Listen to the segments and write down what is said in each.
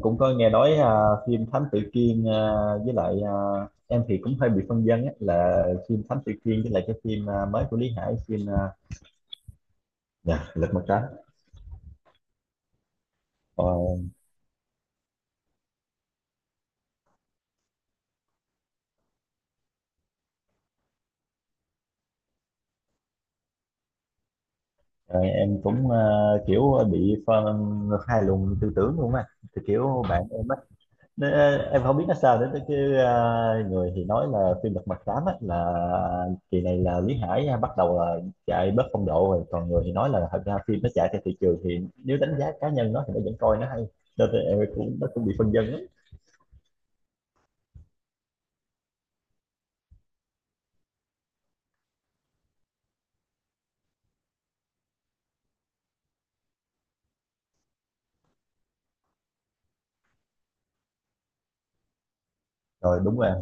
Cũng có nghe nói à, phim Thám Tử Kiên à, với lại à, em thì cũng hơi bị phân vân á, là phim Thám Tử Kiên với lại cái phim à, mới của Lý Hải phim à, dạ, Lật Mặt Trắng. Ờ, ờ, em cũng à, kiểu bị phân hai luồng tư tưởng luôn á, thì kiểu bạn em. Nên, em không biết nó sao nữa chứ người thì nói là phim Lật Mặt Tám á, là kỳ này là Lý Hải bắt đầu là chạy bớt phong độ rồi, còn người thì nói là thật ra phim nó chạy theo thị trường, thì nếu đánh giá cá nhân nó thì nó vẫn coi nó hay, nên là em cũng nó cũng bị phân vân lắm. Rồi đúng rồi em.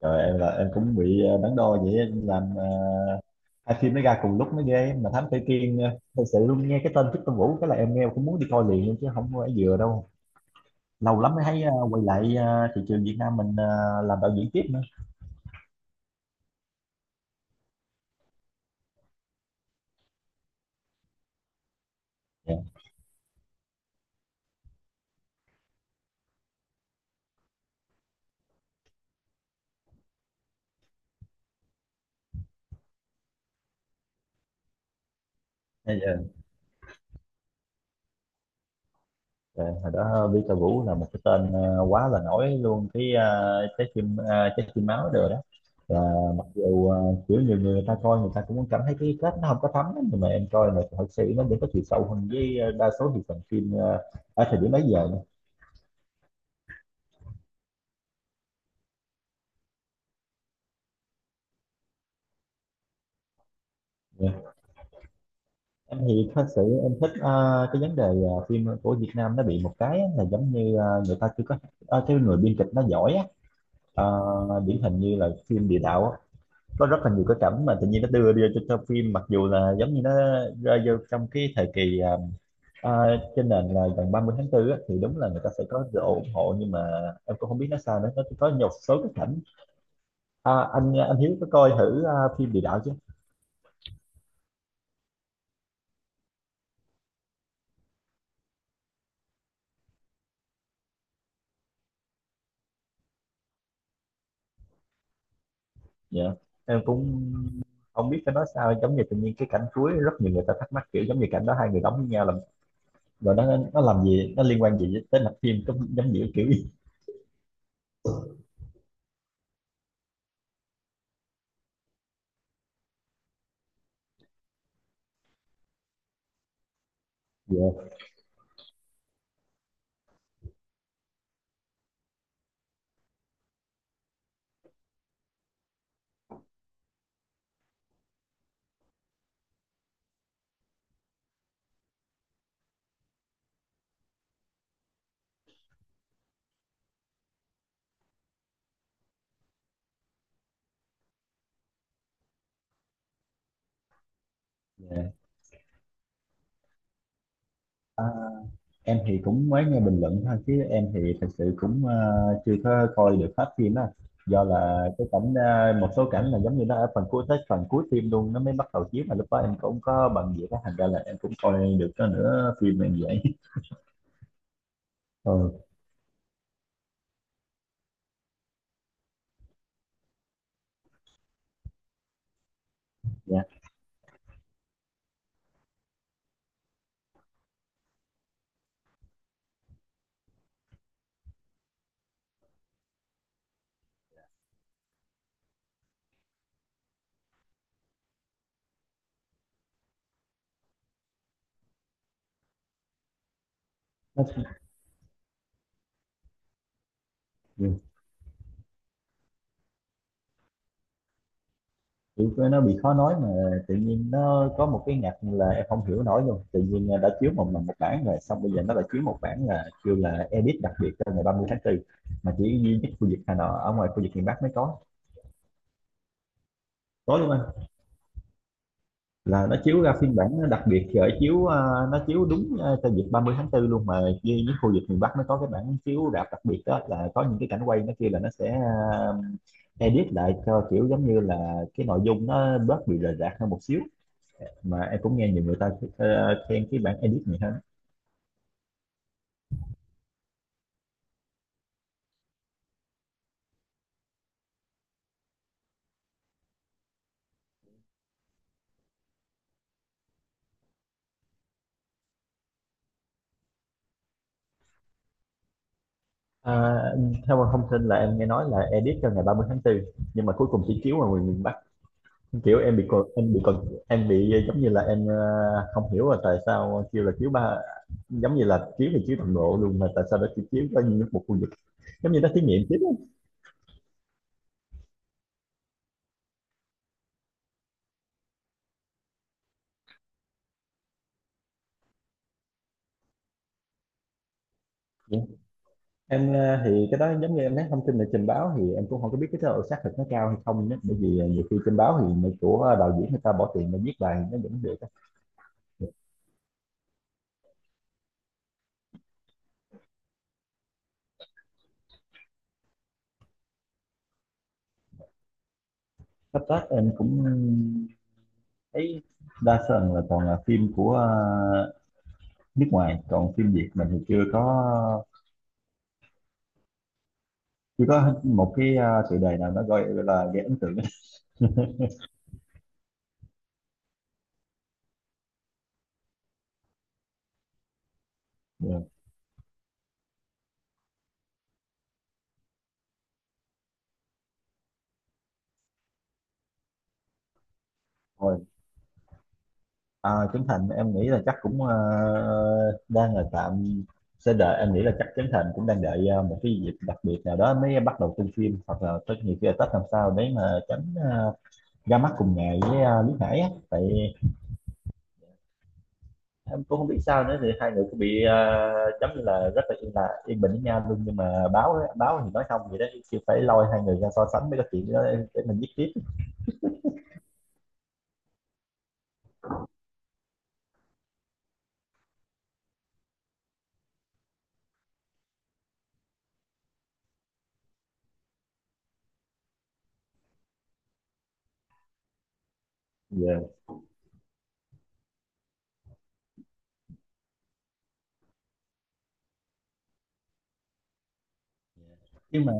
Rồi em là em cũng bị đắn đo vậy em làm hai phim nó ra cùng lúc mới ghê, mà Thám Tử Kiên thật sự luôn nghe cái tên Victor Vũ cái là em nghe cũng muốn đi coi liền luôn chứ không có phải vừa đâu. Lâu lắm mới thấy quay lại thị trường Việt Nam mình làm đạo diễn tiếp. Dạ. Bây giờ ờ, hồi đó Peter Vũ là một cái tên quá là nổi luôn, cái trái tim máu rồi đó là, mặc dù kiểu nhiều người ta coi người ta cũng cảm thấy cái kết nó không có thấm lắm, nhưng mà em coi là thật sự nó vẫn có chiều sâu hơn với đa số thị phần phim ở thời điểm bấy giờ nè. Dạ. Em thì thật sự em thích cái vấn đề phim của Việt Nam nó bị một cái á, là giống như người ta chưa có cái người biên kịch nó giỏi á. Ờ, điển hình như là phim địa đạo á, có rất là nhiều cái cảnh mà tự nhiên nó đưa đưa cho, phim mặc dù là giống như nó rơi vô trong cái thời kỳ à, trên nền là gần 30 tháng 4 á, thì đúng là người ta sẽ có sự ủng hộ, nhưng mà em cũng không biết nó sao nữa, nó có một số cái cảnh à, anh Hiếu có coi thử à, phim địa đạo chứ. Dạ em cũng không biết phải nói sao, giống như tự nhiên cái cảnh cuối rất nhiều người ta thắc mắc, kiểu giống như cảnh đó hai người đóng với nhau làm rồi nó làm gì, nó liên quan gì tới mạch phim, cũng giống như kiểu gì. Dạ dạ. Em thì cũng mới nghe bình luận thôi, chứ em thì thật sự cũng chưa có coi được hết phim á, do là cái cảnh một số cảnh là giống như nó ở phần cuối, tới phần cuối phim luôn nó mới bắt đầu chiếu, mà lúc đó em cũng có bận việc á, thành ra là em cũng coi được có nửa phim này vậy. Ừ. Dạ. Nó, kiểu nó bị khó nói mà, tự nhiên nó có một cái ngặt là em không hiểu nổi luôn. Tự nhiên đã chiếu một lần một bản rồi, xong bây giờ nó lại chiếu một bản là kêu là edit đặc biệt cho ngày 30 tháng 4, mà chỉ duy nhất khu vực Hà Nội, ở ngoài khu vực miền Bắc mới có. Tối luôn là nó chiếu ra phiên bản nó đặc biệt rồi chiếu à, nó chiếu đúng à, cho dịp 30 tháng 4 luôn, mà với những khu vực miền Bắc nó có cái bản chiếu rạp đặc biệt đó, là có những cái cảnh quay nó kia là nó sẽ à, edit lại cho kiểu giống như là cái nội dung nó bớt bị rời rạc hơn một xíu, mà em cũng nghe nhiều người ta khen cái bản edit này hơn. À, theo thông tin là em nghe nói là edit cho ngày 30 tháng 4, nhưng mà cuối cùng chỉ chiếu ở miền Bắc. Kiểu em bị còn em bị còn em bị giống như là em không hiểu là tại sao kêu là chiếu ba, giống như là chiếu thì chiếu toàn bộ luôn, mà tại sao nó chỉ chiếu có như một khu vực, giống như nó thí nghiệm chiếu á. Em thì cái đó giống như em nói, thông tin là trình báo thì em cũng không có biết cái độ xác thực nó cao hay không đó. Bởi vì nhiều khi trình báo thì người của đạo diễn người ta bỏ tiền để viết bài nó vẫn được á. Sắp tới em cũng thấy đa phần là toàn là phim của nước ngoài, còn phim Việt mình thì chưa có, chỉ có một cái à, chủ đề nào nó gọi là gây ấn tượng. Yeah. Rồi. À, Trấn Thành em nghĩ là chắc cũng à, đang là tạm sẽ đợi. Em nghĩ là chắc Trấn Thành cũng đang đợi à, một cái dịp đặc biệt nào đó mới bắt đầu tung phim, hoặc là tất nhiều khi là Tết, làm sao để mà tránh à, ra mắt cùng ngày với à, Lý Hải á. Tại em cũng không biết sao nữa, thì hai người cũng bị à, giống như là rất là yên bình với nhau luôn, nhưng mà báo á- báo thì nói không vậy đó, chứ phải lôi hai người ra so sánh mới có chuyện đó, để mình viết tiếp. Yeah. Nhưng mà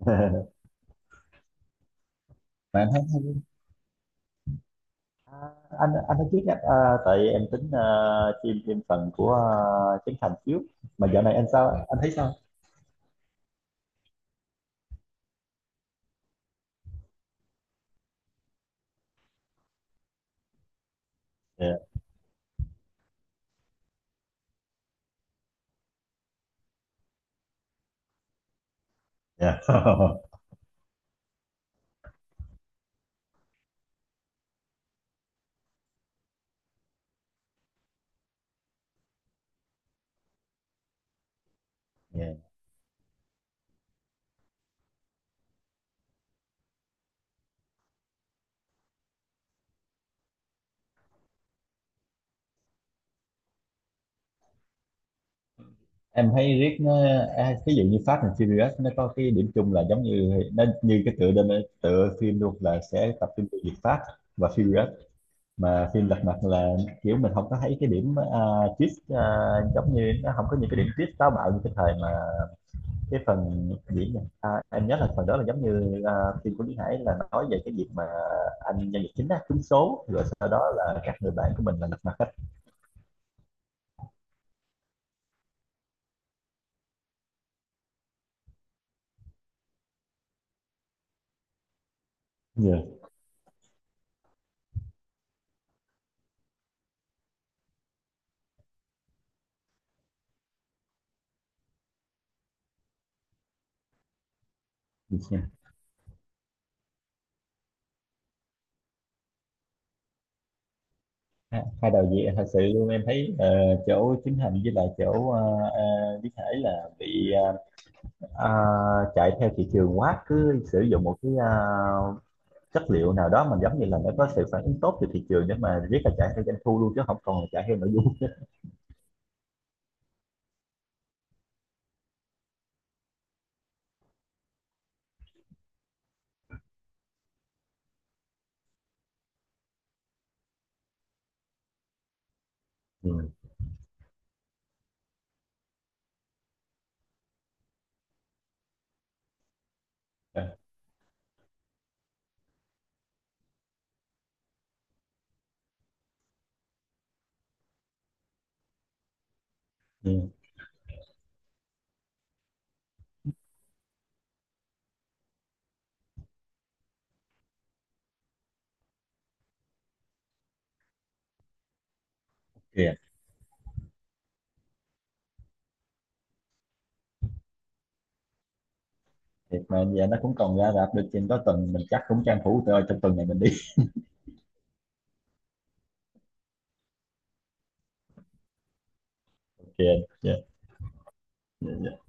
mà em. À, anh nói trước nhé à, tại em tính chim thêm phần của Trấn Thành trước. Mà dạo này anh sao, anh thấy sao? Yeah. Yeah. Yeah. Em thấy riết nó à, ví dụ như Fast and Furious nó có cái điểm chung là giống như nó như cái tựa đơn, tựa phim luôn là sẽ tập trung vào việc Fast và Furious. Mà phim Lật Mặt là kiểu mình không có thấy cái điểm twist giống như nó không có những cái điểm twist táo bạo như cái thời mà cái phần diễn này, à, em nhớ là phần đó là giống như à, phim của Lý Hải là nói về cái việc mà anh nhân vật chính á trúng số, rồi sau đó là các người bạn của mình là lật mặt hết. Dạ. Yeah. Ha- hai đạo diễn à, thật sự luôn em thấy chỗ chính hành với lại chỗ ờ, Lý Hải là bị ờ, chạy theo thị trường quá, cứ sử dụng một cái chất liệu nào đó mà giống như là nó có sự phản ứng tốt từ thị trường, để mà riết là chạy theo doanh thu luôn chứ không còn là chạy theo nội dung. Ừ. Ừ. Thì thì mà giờ nó cũng còn ra rạp được trên có tuần, mình chắc cũng tranh thủ rồi, trong tuần này mình đi. Kìa. Dạ dạ dạ.